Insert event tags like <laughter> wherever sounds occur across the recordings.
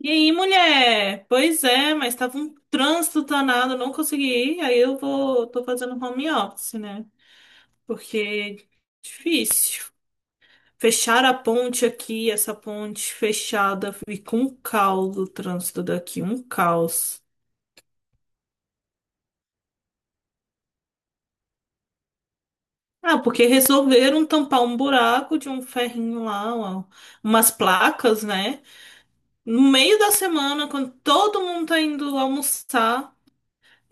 E aí, mulher? Pois é, mas tava um trânsito danado, não consegui ir. Aí eu vou, tô fazendo home office, né? Porque difícil. Fecharam a ponte aqui, essa ponte fechada, fica um caos o trânsito daqui, um caos. Ah, porque resolveram tampar um buraco de um ferrinho lá, umas placas, né? No meio da semana, quando todo mundo tá indo almoçar.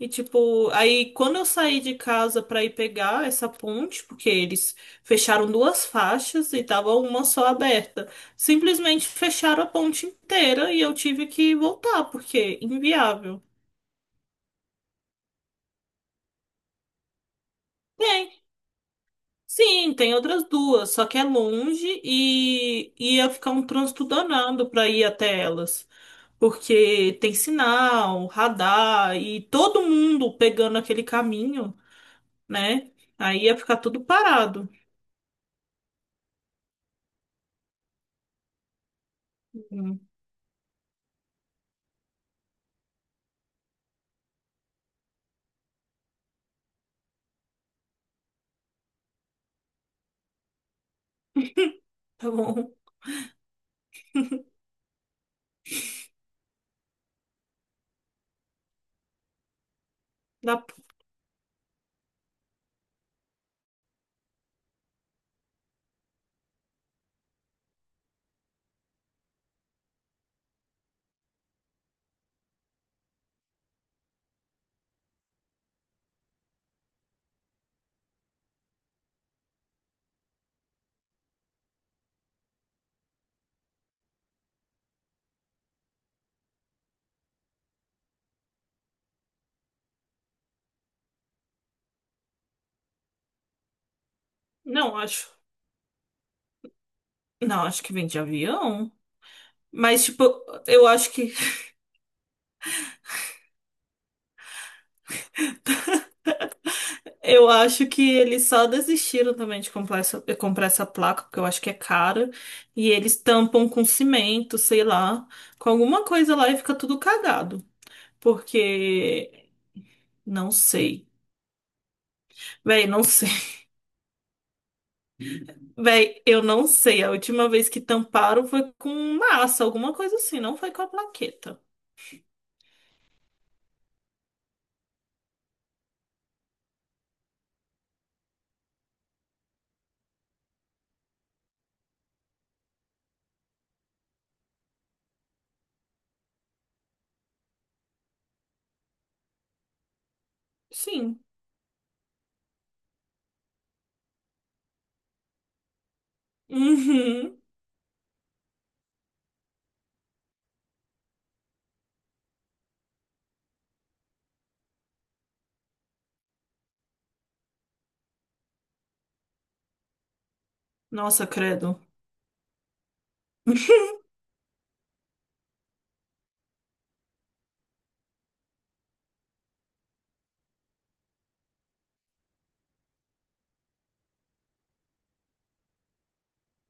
E tipo, aí quando eu saí de casa pra ir pegar essa ponte, porque eles fecharam duas faixas e tava uma só aberta, simplesmente fecharam a ponte inteira e eu tive que voltar, porque inviável. Tem, sim, tem outras duas, só que é longe e ia ficar um trânsito danado pra ir até elas. Porque tem sinal, radar e todo mundo pegando aquele caminho, né? Aí ia ficar tudo parado. <laughs> Tá bom. Dá- Não, acho. Não, acho que vem de avião. Mas, tipo, eu acho que. Eu acho que eles só desistiram também de comprar essa placa, porque eu acho que é cara. E eles tampam com cimento, sei lá, com alguma coisa lá e fica tudo cagado. Porque. Não sei. Véi, não sei. <laughs> Véi, eu não sei. A última vez que tamparam foi com massa, alguma coisa assim, não foi com a plaqueta. Sim. Uhum. Nossa, credo. <laughs>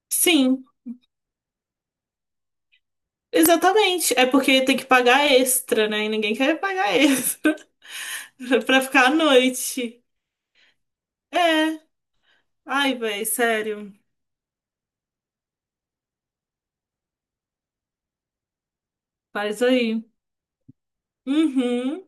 Sim. Exatamente. É porque tem que pagar extra, né? E ninguém quer pagar extra <laughs> pra ficar à noite. É. Ai, véi, sério. Faz aí. Uhum.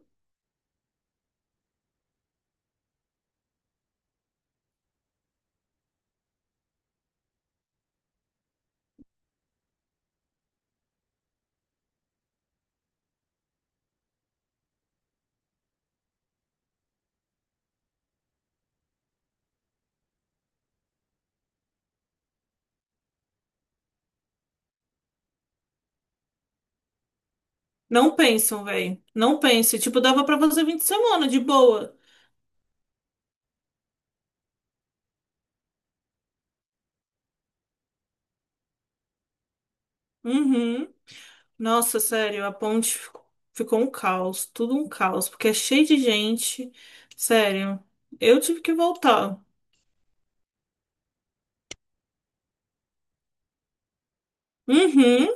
Não pensam, véi. Não pense. Tipo, dava pra fazer 20 semanas de boa. Uhum. Nossa, sério, a ponte ficou um caos. Tudo um caos. Porque é cheio de gente. Sério. Eu tive que voltar. Uhum.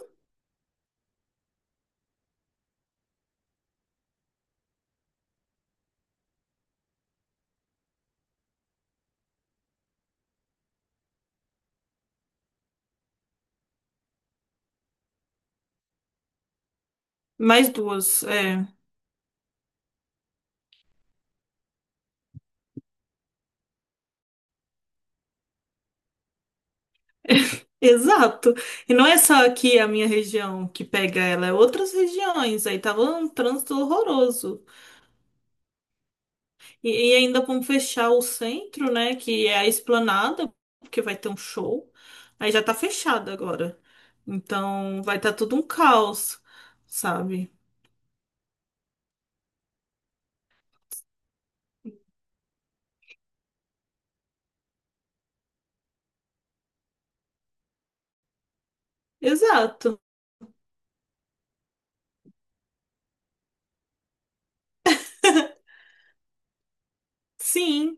Mais duas. É. Exato. E não é só aqui a minha região que pega ela, é outras regiões. Aí tava um trânsito horroroso. E ainda vamos fechar o centro, né? Que é a Esplanada, porque vai ter um show. Aí já tá fechado agora. Então vai estar tá tudo um caos, sabe? Exato. <laughs> Sim,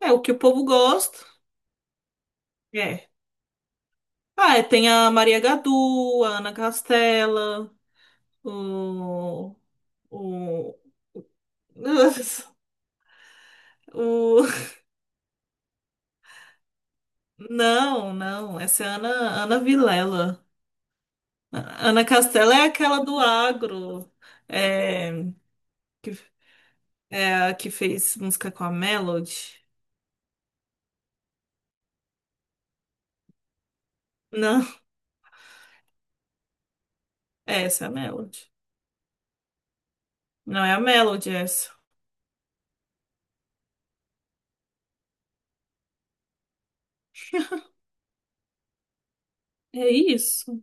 é o que o povo gosta. É. Ah, é, tem a Maria Gadu, a Ana Castela, o, o... <laughs> O... Não, não, essa é a Ana, Ana Vilela. A- Ana Castela é aquela do agro, é, que, é a que fez música com a Melody. Não, é essa é a Melody. Não é a Melody essa. <laughs> É isso.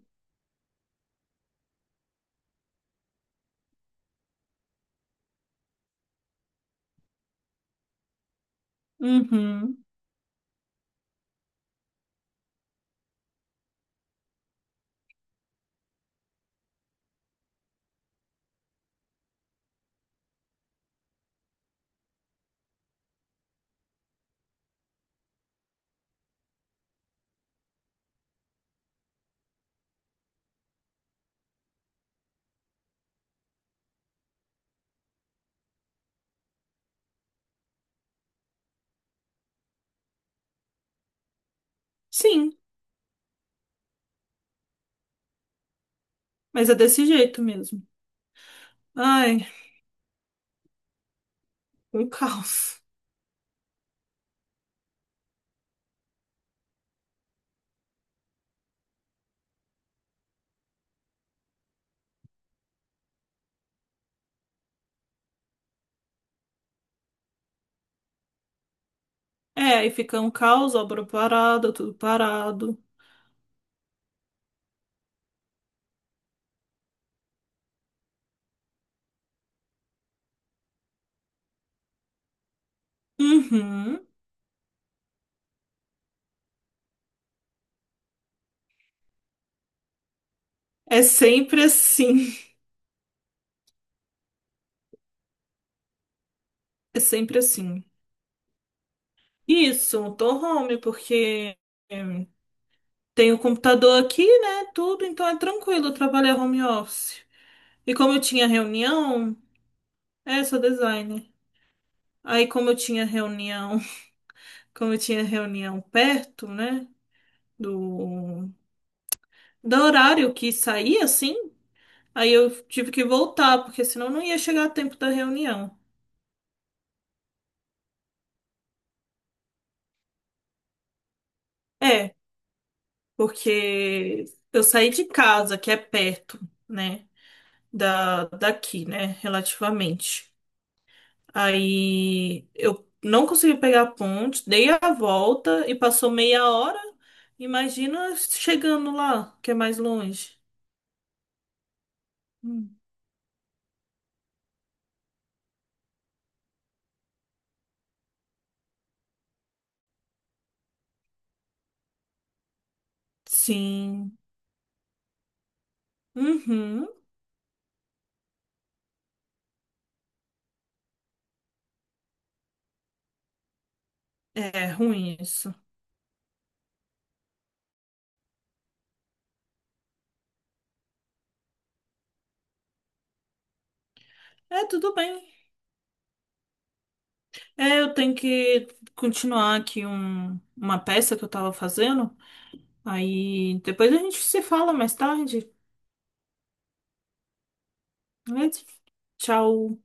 Uhum. Sim, mas é desse jeito mesmo. Ai, um caos. É, aí fica um caos, obra parada, tudo parado. Uhum. É sempre assim. É sempre assim. Isso, um home, porque tenho o computador aqui, né? Tudo, então é tranquilo trabalhar home office. E como eu tinha reunião, é, sou designer. Aí como eu tinha reunião, <laughs> como eu tinha reunião perto, né? Do, do horário que saía, assim, aí eu tive que voltar, porque senão não ia chegar a tempo da reunião. É, porque eu saí de casa, que é perto, né? Daqui, né? Relativamente. Aí eu não consegui pegar a ponte, dei a volta e passou meia hora. Imagina chegando lá, que é mais longe. Hum. Sim. Uhum. É ruim isso. É, tudo bem. É, eu tenho que continuar aqui uma peça que eu tava fazendo. Aí depois a gente se fala mais tarde. Beleza? Tchau.